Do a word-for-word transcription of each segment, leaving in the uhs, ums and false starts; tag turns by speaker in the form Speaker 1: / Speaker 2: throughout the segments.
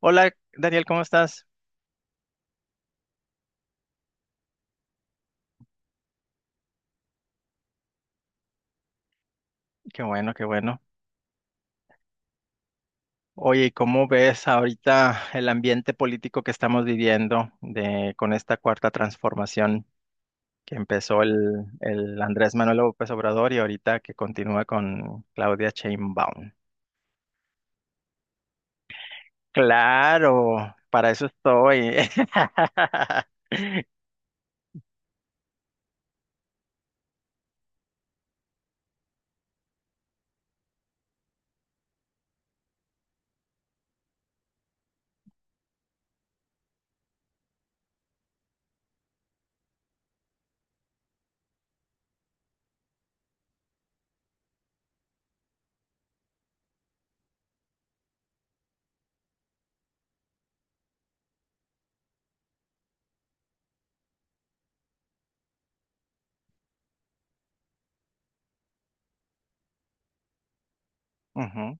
Speaker 1: Hola, Daniel, ¿cómo estás? Qué bueno, qué bueno. Oye, ¿y cómo ves ahorita el ambiente político que estamos viviendo de, con esta cuarta transformación que empezó el, el Andrés Manuel López Obrador y ahorita que continúa con Claudia Sheinbaum? Claro, para eso estoy. Ujú.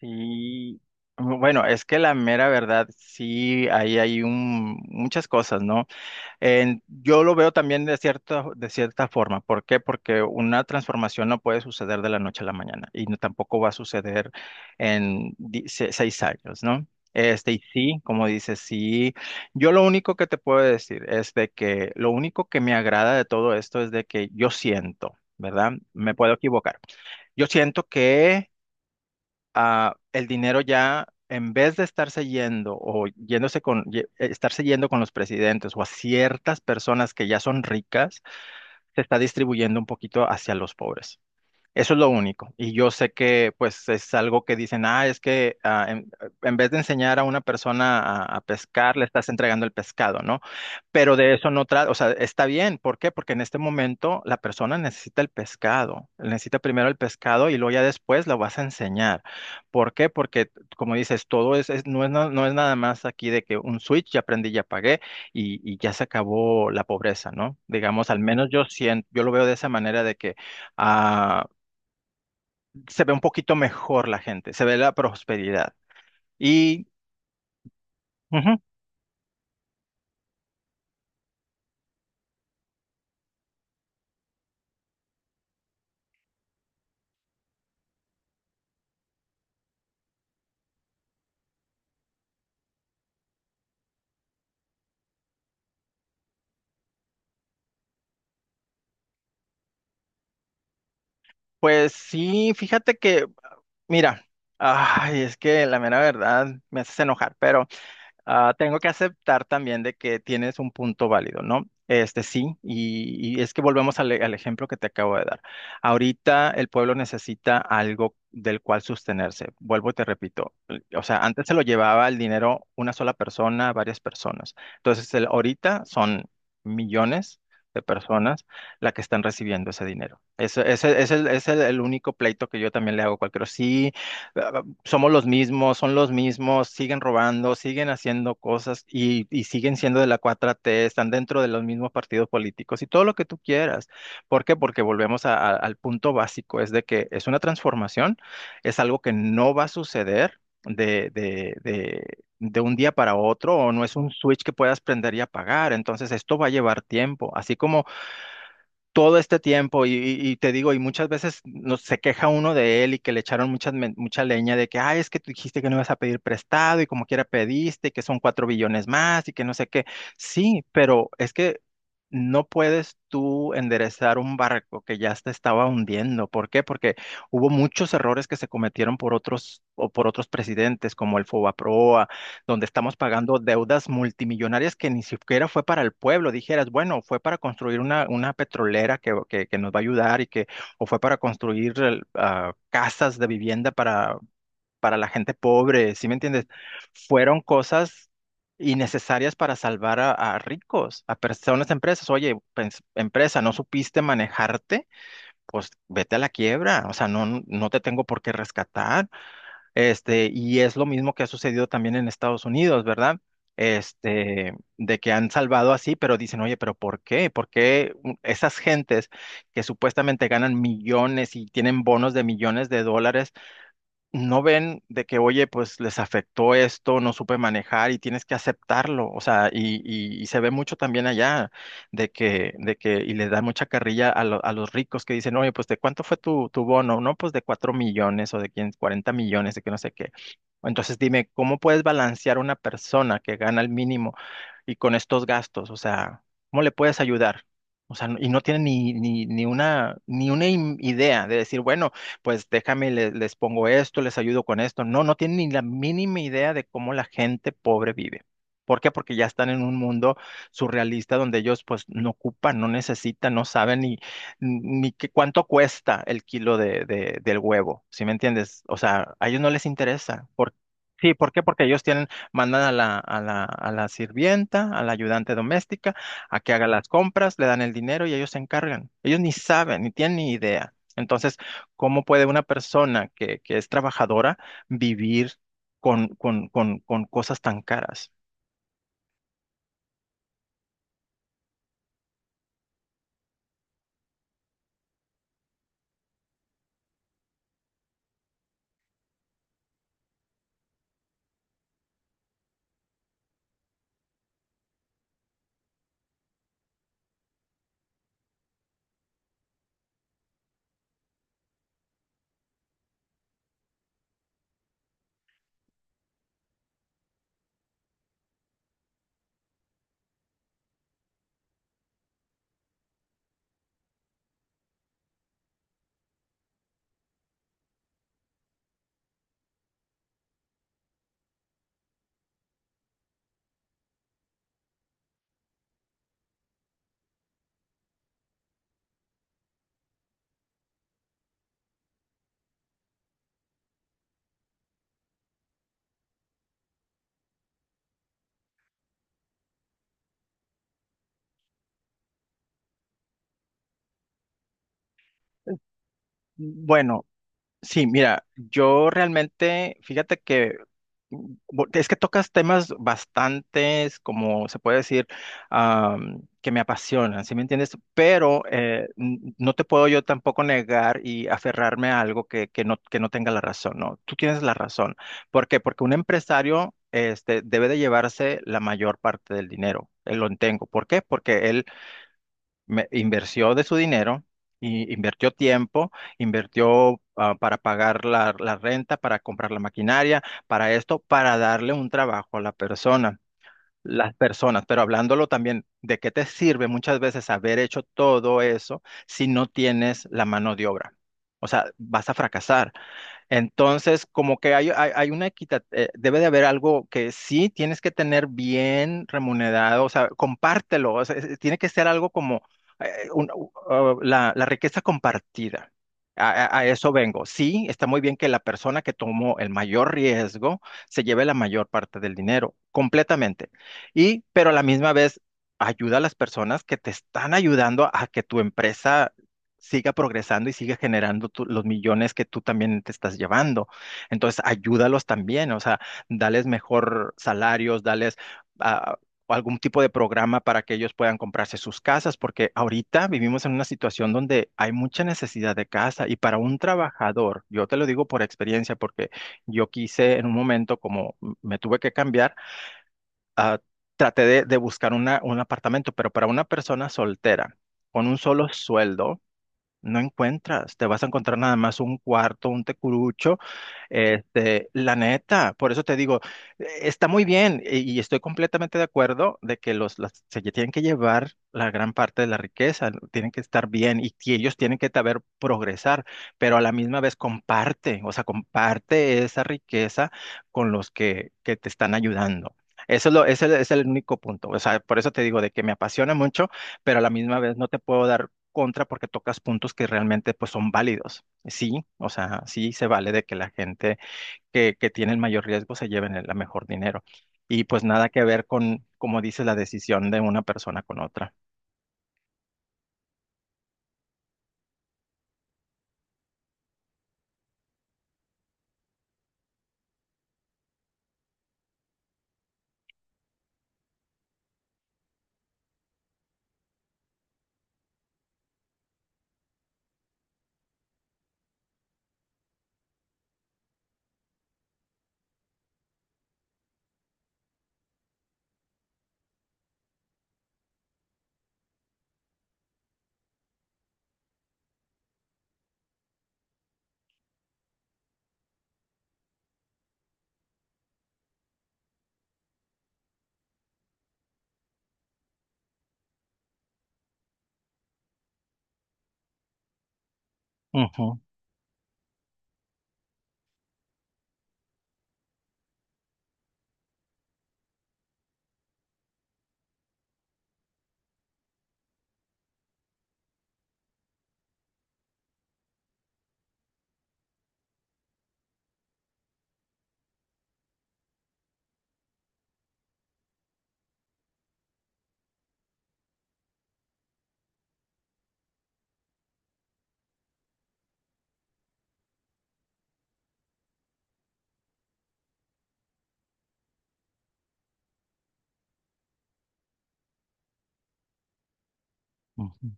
Speaker 1: Sí, bueno, es que la mera verdad, sí, ahí hay un, muchas cosas, ¿no? En- yo lo veo también de cierta, de cierta forma. ¿Por qué? Porque una transformación no puede suceder de la noche a la mañana y no- tampoco va a suceder en di- se- seis años, ¿no? Este, y sí, como dices, sí. Yo lo único que te puedo decir es de que lo único que me agrada de todo esto es de que yo siento, ¿verdad? Me puedo equivocar. Yo siento que ah, el dinero ya, en vez de estarse yendo o yéndose con, ye- eh, estarse yendo con los presidentes o a ciertas personas que ya son ricas, se está distribuyendo un poquito hacia los pobres. Eso es lo único. Y yo sé que pues es algo que dicen, ah, es que ah, en, en vez de enseñar a una persona a, a pescar, le estás entregando el pescado, ¿no? Pero de eso no trata, o sea, está bien. ¿Por qué? Porque en este momento la persona necesita el pescado. Necesita primero el pescado y luego ya después lo vas a enseñar. ¿Por qué? Porque, como dices, todo es, es- no es, na- no es nada más aquí de que un switch, ya aprendí, ya pagué y, y ya se acabó la pobreza, ¿no? Digamos, al menos yo siento, yo lo veo de esa manera de que ah, se ve un poquito mejor la gente, se ve la prosperidad. Y ujú, pues sí, fíjate que, mira, ay, es que la mera verdad me haces enojar, pero ah, tengo que aceptar también de que tienes un punto válido, ¿no? Este sí, y, y es que volvemos al, e- al ejemplo que te acabo de dar. Ahorita el pueblo necesita algo del cual sostenerse. Vuelvo y te repito, l- o sea, antes se lo llevaba el dinero una sola persona, varias personas. Entonces, el- ahorita son millones de personas las que están recibiendo ese dinero. Ese, ese- ese es el es el- el único pleito que yo también le hago a cualquiera. Sí, somos los mismos, son los mismos, siguen robando, siguen haciendo cosas y, y siguen siendo de la cuatro T, están dentro de los mismos partidos políticos y todo lo que tú quieras. ¿Por qué? Porque volvemos a- a- al punto básico, es de que es una transformación, es algo que no va a suceder de, de, de, de un día para otro o no es un switch que puedas prender y apagar. Entonces, esto va a llevar tiempo, así como todo este tiempo y, y- y te digo, y muchas veces no, se queja uno de él y que le echaron mucha, mucha leña de que, ay, es que tú dijiste que no ibas a pedir prestado y como quiera pediste, y que son cuatro billones más y que no sé qué. Sí, pero es que no puedes tú enderezar un barco que ya se estaba hundiendo. ¿Por qué? Porque hubo muchos errores que se cometieron por otros o por otros presidentes como el Fobaproa, donde estamos pagando deudas multimillonarias que ni siquiera fue para el pueblo. Dijeras, bueno, fue para construir una, una petrolera que, que, que nos va a ayudar y que, o fue para construir el, ah, casas de vivienda para, para, la gente pobre, ¿sí me entiendes? Fueron cosas innecesarias para salvar a, a ricos, a personas, empresas. Oye, pens- empresa, ¿no supiste manejarte? Pues vete a la quiebra, o sea, no, no te tengo por qué rescatar. Este, y es lo mismo que ha sucedido también en Estados Unidos, ¿verdad? Este, de que han salvado así, pero dicen, oye, pero ¿por qué? ¿Por qué u- esas gentes que supuestamente ganan millones y tienen bonos de millones de dólares, no ven de que, oye, pues les afectó esto, no supe manejar y tienes que aceptarlo. O sea, y, y- y se ve mucho también allá de que, de que, y le da mucha carrilla a, lo- a los ricos que dicen, oye, pues de cuánto fue tu, tu bono, no, pues de cuatro millones o de quien- cuarenta millones, de que no sé qué. Entonces dime, ¿cómo puedes balancear una persona que gana el mínimo y con estos gastos? O sea, ¿cómo le puedes ayudar? O sea, y no tiene ni, ni, ni una, ni una im- idea de decir, bueno, pues déjame, le- les pongo esto, les ayudo con esto. No, no tienen ni la mínima idea de cómo la gente pobre vive. ¿Por qué? Porque ya están en un mundo surrealista donde ellos pues no ocupan, no necesitan, no saben ni, ni qué- cuánto cuesta el kilo de, de- del huevo, ¿sí me entiendes? O sea, a ellos no les interesa. ¿Por- sí, ¿por qué? Porque ellos tienen, mandan a la, a la, a la sirvienta, a la ayudante doméstica, a que haga las compras, le dan el dinero y ellos se encargan. Ellos ni saben, ni tienen ni idea. Entonces, ¿cómo puede una persona que, que es trabajadora vivir con, con, con, con cosas tan caras? Bueno, sí, mira, yo realmente, fíjate que mm, bo- es que tocas temas bastantes, como se puede decir, am, que me apasionan, ¿sí me entiendes? Pero eh, n- no te puedo yo tampoco negar y aferrarme a algo que, que no, que no tenga la razón, ¿no? Tú tienes la razón. ¿Por qué? Porque un empresario este, debe de llevarse la mayor parte del dinero. Él lo entiendo. ¿Por qué? Porque me- invirtió de su dinero, y invirtió tiempo, invirtió ah, para pagar la, la renta, para comprar la maquinaria, para esto, para darle un trabajo a la persona. Las personas, pero hablándolo también, ¿de qué te sirve muchas veces haber hecho todo eso si no tienes la mano de obra? O sea, vas a fracasar. Entonces, como que hay, hay, hay una equidad, eh, debe de haber algo que sí tienes que tener bien remunerado, o sea, compártelo, o sea, es- tiene que ser algo como eh, un- u- uh, la, la riqueza compartida. A, a- a eso vengo. Sí, está muy bien que la persona que tomó el mayor riesgo se lleve la mayor parte del dinero, completamente. Y, pero a la misma vez, ayuda a las personas que te están ayudando a que tu empresa siga progresando y siga generando tu- los millones que tú también te estás llevando. Entonces, ayúdalos también, o sea, dales mejor salarios, dales ah, algún tipo de programa para que ellos puedan comprarse sus casas, porque ahorita vivimos en una situación donde hay mucha necesidad de casa y para un trabajador, yo te lo digo por experiencia, porque yo quise en un momento, como m- me tuve que cambiar, ah, traté de, de buscar una- un apartamento, pero para una persona soltera, con un solo sueldo, no encuentras, te vas a encontrar nada más un cuarto, un tecurucho, este, la neta, por eso te digo, eh, está muy bien eh, y estoy completamente de acuerdo de que los, las- se tienen que llevar la gran parte de la riqueza, ¿no? Tienen que estar bien y, que ellos tienen que saber progresar, pero a la misma vez comparte, o sea, comparte esa riqueza con los que, que te están ayudando. Eso es lo, ese es el único punto. O sea, por eso te digo de que me apasiona mucho, pero a la misma vez no te puedo dar contra porque tocas puntos que realmente pues son válidos. Sí, o sea, sí se vale de que la gente que, que tiene el mayor riesgo se lleven el la mejor dinero. Y pues nada que ver con, como dice, la decisión de una persona con otra. Ujú, ujú.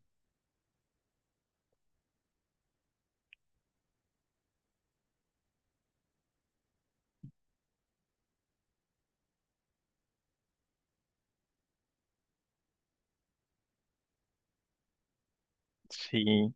Speaker 1: Sí.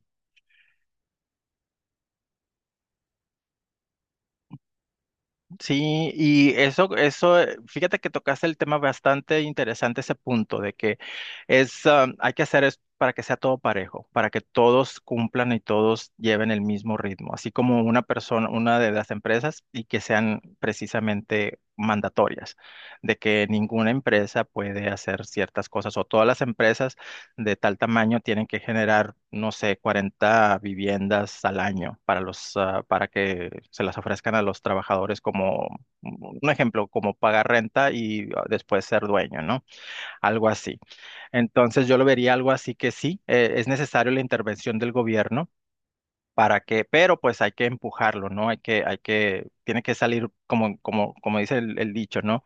Speaker 1: Sí, y eso, eso, eh, fíjate que tocaste el tema bastante interesante, ese punto de que es, ah, hay que hacer es para que sea todo parejo, para que todos cumplan y todos lleven el mismo ritmo, así como una persona, una de las empresas y que sean precisamente mandatorias, de que ninguna empresa puede hacer ciertas cosas o todas las empresas de tal tamaño tienen que generar, no sé, cuarenta viviendas al año para los, ah, para que se las ofrezcan a los trabajadores como, mm, un ejemplo, como pagar renta y ah, después ser dueño, ¿no? Algo así. Entonces yo lo vería algo así que sí, eh, es necesario la intervención del gobierno. Para que, pero pues hay que empujarlo, ¿no? Hay que, hay que, tiene que salir como, como, como, dice el el dicho, ¿no?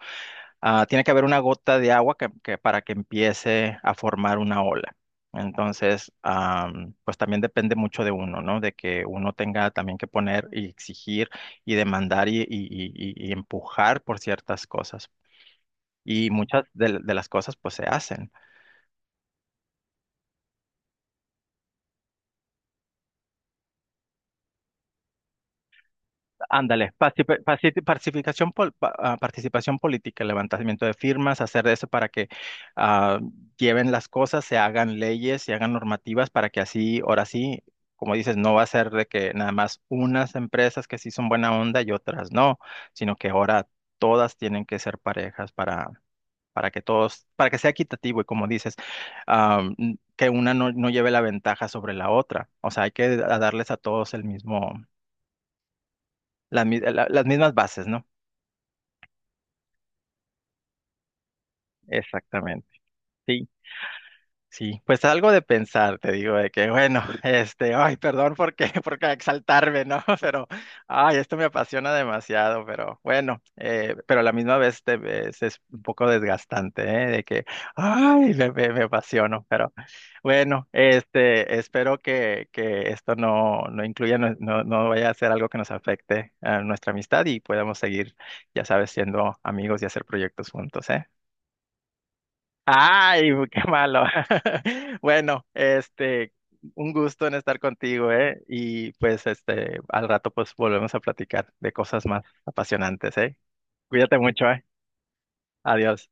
Speaker 1: ah, Tiene que haber una gota de agua que, que para que empiece a formar una ola. Entonces, am, pues también depende mucho de uno, ¿no? De que uno tenga también que poner y exigir y demandar y, y- y- y- y empujar por ciertas cosas. Y muchas de, de las cosas pues se hacen. Ándale, pacifi- paci- pacificación pol- pa- ah, participación política, levantamiento de firmas, hacer eso para que ah, lleven las cosas, se hagan leyes, se hagan normativas para que así, ahora sí, como dices, no va a ser de que nada más unas empresas que sí son buena onda y otras no, sino que ahora todas tienen que ser parejas para, para que todos, para que sea equitativo y como dices, ah, n- que una no, no lleve la ventaja sobre la otra. O sea, hay que a- darles a todos el mismo, la mi- la- las mismas bases, ¿no? Exactamente, sí, sí, pues algo de pensar, te digo, de que bueno, este, ay, perdón porque, qué, por exaltarme, ¿no? Pero, ay, esto me apasiona demasiado, pero bueno, eh, pero a la misma vez te ves- es un poco desgastante, ¿eh? De que, ay, me, me, me apasiono, pero bueno, este, espero que, que esto no, no incluya, no, no, no vaya a ser algo que nos afecte a nuestra amistad y podamos seguir, ya sabes, siendo amigos y hacer proyectos juntos, ¿eh? Ay, qué malo. Bueno, este, un gusto en estar contigo, ¿eh? Y pues, este, al rato pues volvemos a platicar de cosas más apasionantes, ¿eh? Cuídate mucho, ¿eh? Adiós.